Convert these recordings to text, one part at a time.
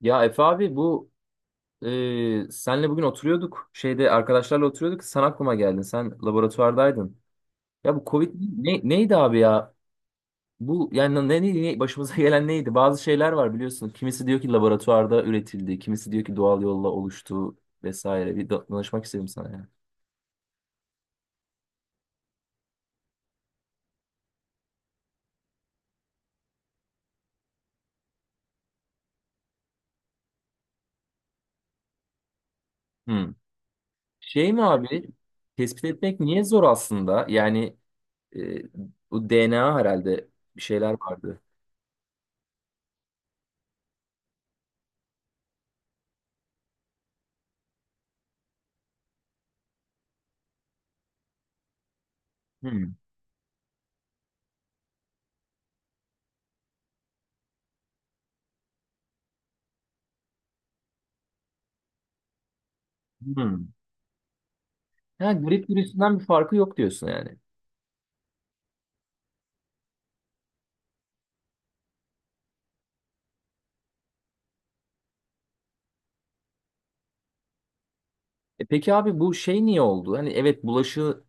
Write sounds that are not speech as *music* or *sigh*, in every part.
Ya Efe abi bu senle bugün oturuyorduk şeyde arkadaşlarla oturuyorduk sen aklıma geldin, sen laboratuvardaydın. Ya bu Covid neydi abi ya? Bu yani başımıza *laughs* gelen neydi? Bazı şeyler var biliyorsun. Kimisi diyor ki laboratuvarda üretildi, kimisi diyor ki doğal yolla oluştu vesaire. Danışmak istedim sana ya. Hmm. Şey mi abi? Tespit etmek niye zor aslında? Yani e, bu DNA herhalde bir şeyler vardı. Hmm. Hmm. Ha, grip virüsünden bir farkı yok diyorsun yani. E peki abi bu şey niye oldu? Hani evet bulaşı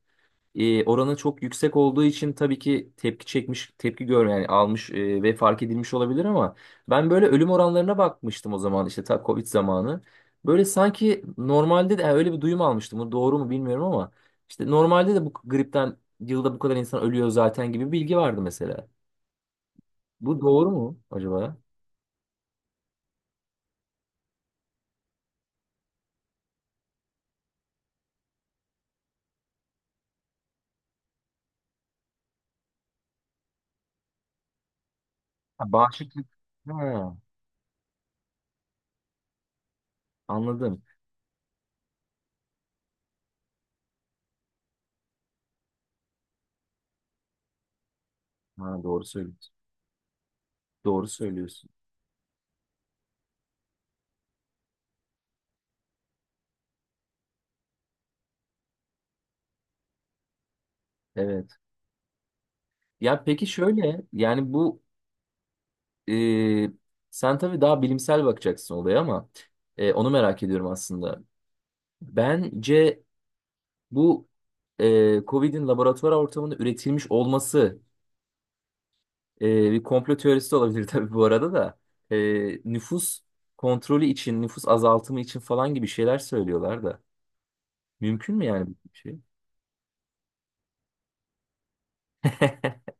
e, oranı çok yüksek olduğu için tabii ki tepki çekmiş, tepki gör yani almış ve fark edilmiş olabilir, ama ben böyle ölüm oranlarına bakmıştım o zaman, işte ta Covid zamanı. Böyle sanki normalde de, yani öyle bir duyum almıştım. Bu doğru mu bilmiyorum ama işte normalde de bu gripten yılda bu kadar insan ölüyor zaten gibi bir bilgi vardı mesela. Bu doğru mu acaba? Ha, bağışıklık. Ha, anladım. Ha, doğru söylüyorsun. Doğru söylüyorsun. Evet. Ya peki şöyle yani e, sen tabii daha bilimsel bakacaksın olaya, ama onu merak ediyorum aslında. Bence bu Covid'in laboratuvar ortamında üretilmiş olması bir komplo teorisi de olabilir *laughs* tabii bu arada da. E, Nüfus kontrolü için, nüfus azaltımı için falan gibi şeyler söylüyorlar da. Mümkün mü yani bu şey? *laughs*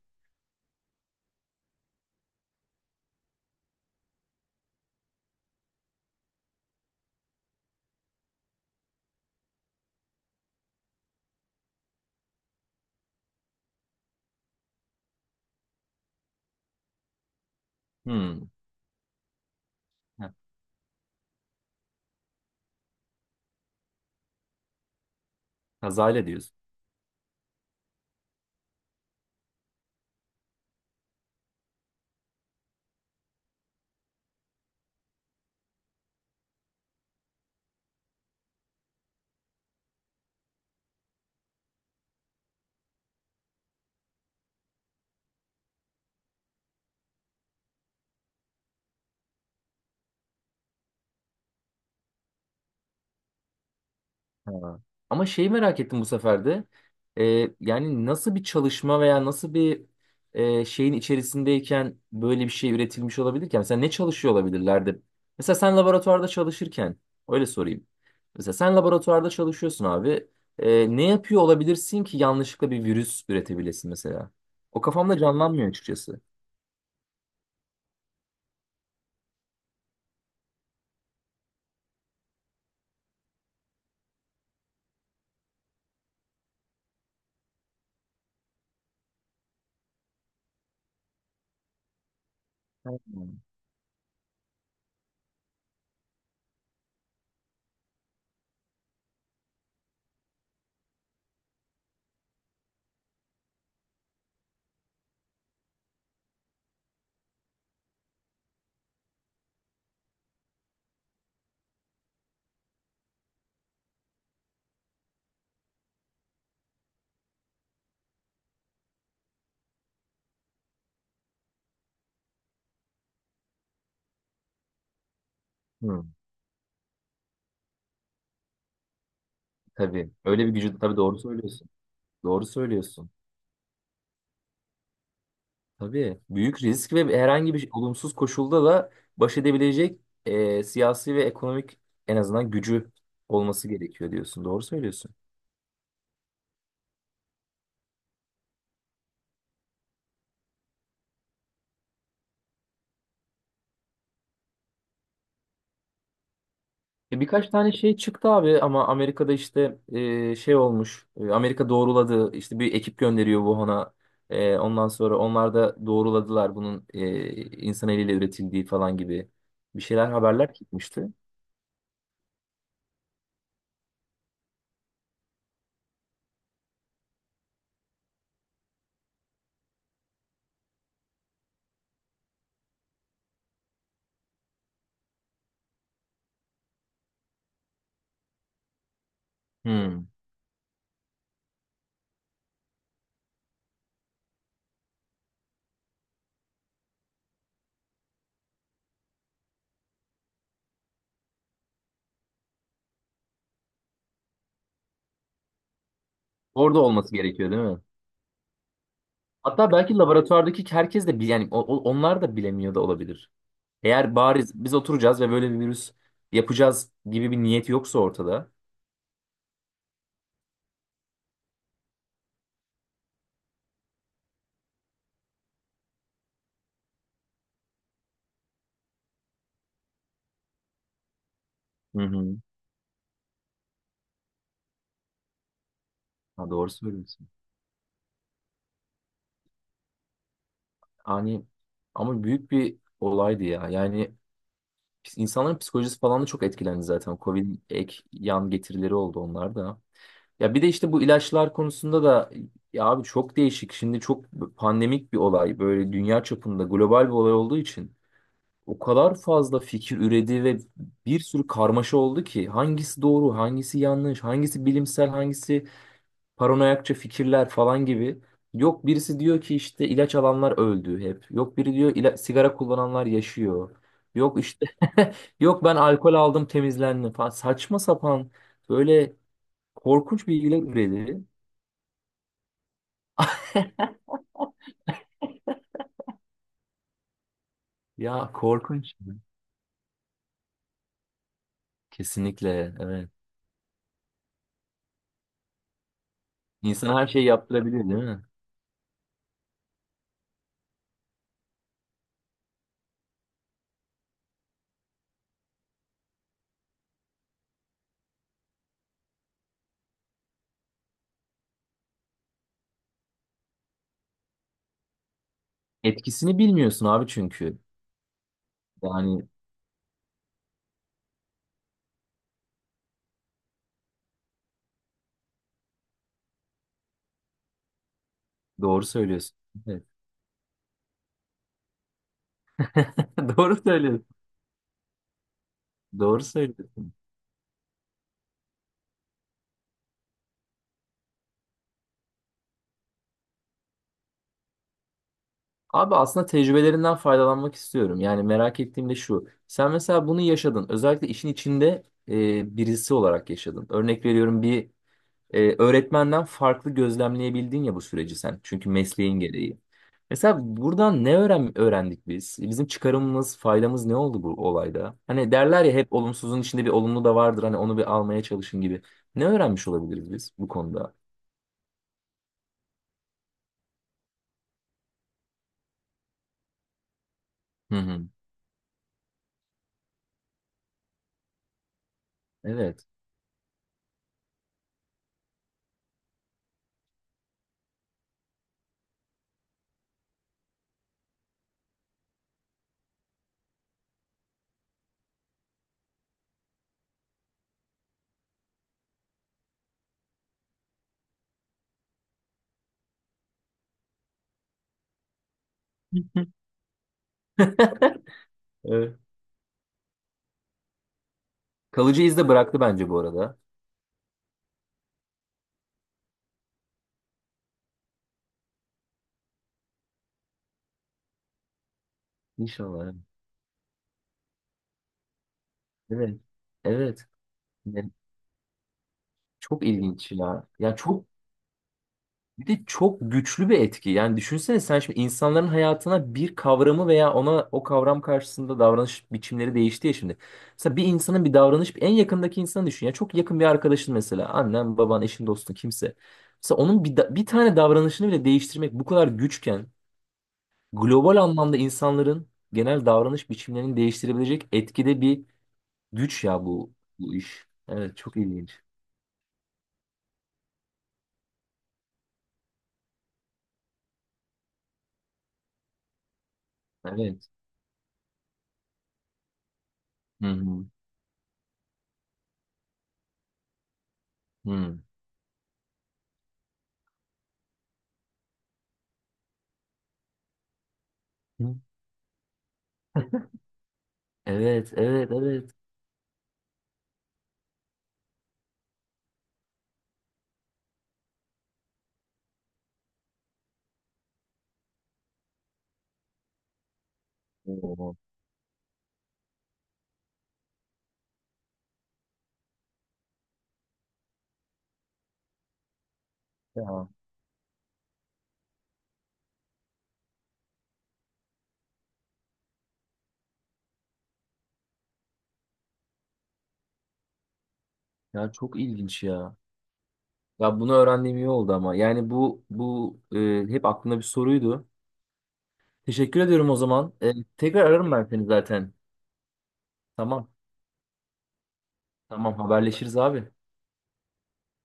Hmm. Ha, kazayla diyorsun. Ha. Ama şeyi merak ettim bu sefer de. Yani nasıl bir çalışma veya nasıl bir şeyin içerisindeyken böyle bir şey üretilmiş olabilir ki? Yani mesela ne çalışıyor olabilirlerdi? Mesela sen laboratuvarda çalışırken, öyle sorayım. Mesela sen laboratuvarda çalışıyorsun abi. Ne yapıyor olabilirsin ki yanlışlıkla bir virüs üretebilesin mesela? O kafamda canlanmıyor açıkçası. Ha. Hı, tabii. Öyle bir gücü tabii, doğru söylüyorsun. Doğru söylüyorsun. Tabii büyük risk ve herhangi bir olumsuz koşulda da baş edebilecek siyasi ve ekonomik en azından gücü olması gerekiyor diyorsun. Doğru söylüyorsun. E, birkaç tane şey çıktı abi, ama Amerika'da işte şey olmuş. E, Amerika doğruladı. İşte bir ekip gönderiyor Wuhan'a. E, ondan sonra onlar da doğruladılar bunun insan eliyle üretildiği falan gibi bir şeyler, haberler çıkmıştı. Hmm. Orada olması gerekiyor değil mi? Hatta belki laboratuvardaki herkes de yani onlar da bilemiyor da olabilir. Eğer bariz biz oturacağız ve böyle bir virüs yapacağız gibi bir niyet yoksa ortada. Hı hı. Ha, doğru söylüyorsun. Hani ama büyük bir olaydı ya. Yani insanların psikolojisi falan da çok etkilendi zaten. Covid ek yan getirileri oldu onlar da. Ya bir de işte bu ilaçlar konusunda da, ya abi çok değişik. Şimdi çok pandemik bir olay. Böyle dünya çapında global bir olay olduğu için. O kadar fazla fikir üredi ve bir sürü karmaşa oldu ki hangisi doğru, hangisi yanlış, hangisi bilimsel, hangisi paranoyakça fikirler falan gibi. Yok birisi diyor ki işte ilaç alanlar öldü hep. Yok biri diyor sigara kullananlar yaşıyor. Yok işte *laughs* yok ben alkol aldım temizlendim falan. Saçma sapan böyle korkunç bilgiler üredi. Ya korkunç. Kesinlikle evet. İnsan her şeyi yaptırabilir değil mi? Etkisini bilmiyorsun abi çünkü. Yani doğru söylüyorsun. Evet. *laughs* Doğru söylüyorsun. Doğru söylüyorsun. Abi aslında tecrübelerinden faydalanmak istiyorum. Yani merak ettiğim de şu. Sen mesela bunu yaşadın. Özellikle işin içinde birisi olarak yaşadın. Örnek veriyorum, bir öğretmenden farklı gözlemleyebildin ya bu süreci sen. Çünkü mesleğin gereği. Mesela buradan ne öğrendik biz? Bizim çıkarımımız, faydamız ne oldu bu olayda? Hani derler ya, hep olumsuzun içinde bir olumlu da vardır. Hani onu bir almaya çalışın gibi. Ne öğrenmiş olabiliriz biz bu konuda? Hı hı. Evet. *laughs* Evet. Kalıcı iz de bıraktı bence bu arada. İnşallah. Evet. Evet. Evet. Yani çok ilginç ya. Ya çok, bir de çok güçlü bir etki. Yani düşünsene, sen şimdi insanların hayatına bir kavramı veya ona o kavram karşısında davranış biçimleri değişti ya şimdi. Mesela bir insanın bir davranış en yakındaki insanı düşün. Ya çok yakın bir arkadaşın, mesela annen, baban, eşin, dostun kimse. Mesela onun bir tane davranışını bile değiştirmek bu kadar güçken, global anlamda insanların genel davranış biçimlerini değiştirebilecek etkide bir güç ya bu iş. Evet çok ilginç. Evet. Hı hı. Hı. *laughs* Hı. Evet, evet, evet. Oo, ya, ya çok ilginç ya. Ya bunu öğrendiğim iyi oldu ama. Yani bu hep aklımda bir soruydu. Teşekkür ediyorum o zaman. E, tekrar ararım ben seni zaten. Tamam. Tamam haberleşiriz abi.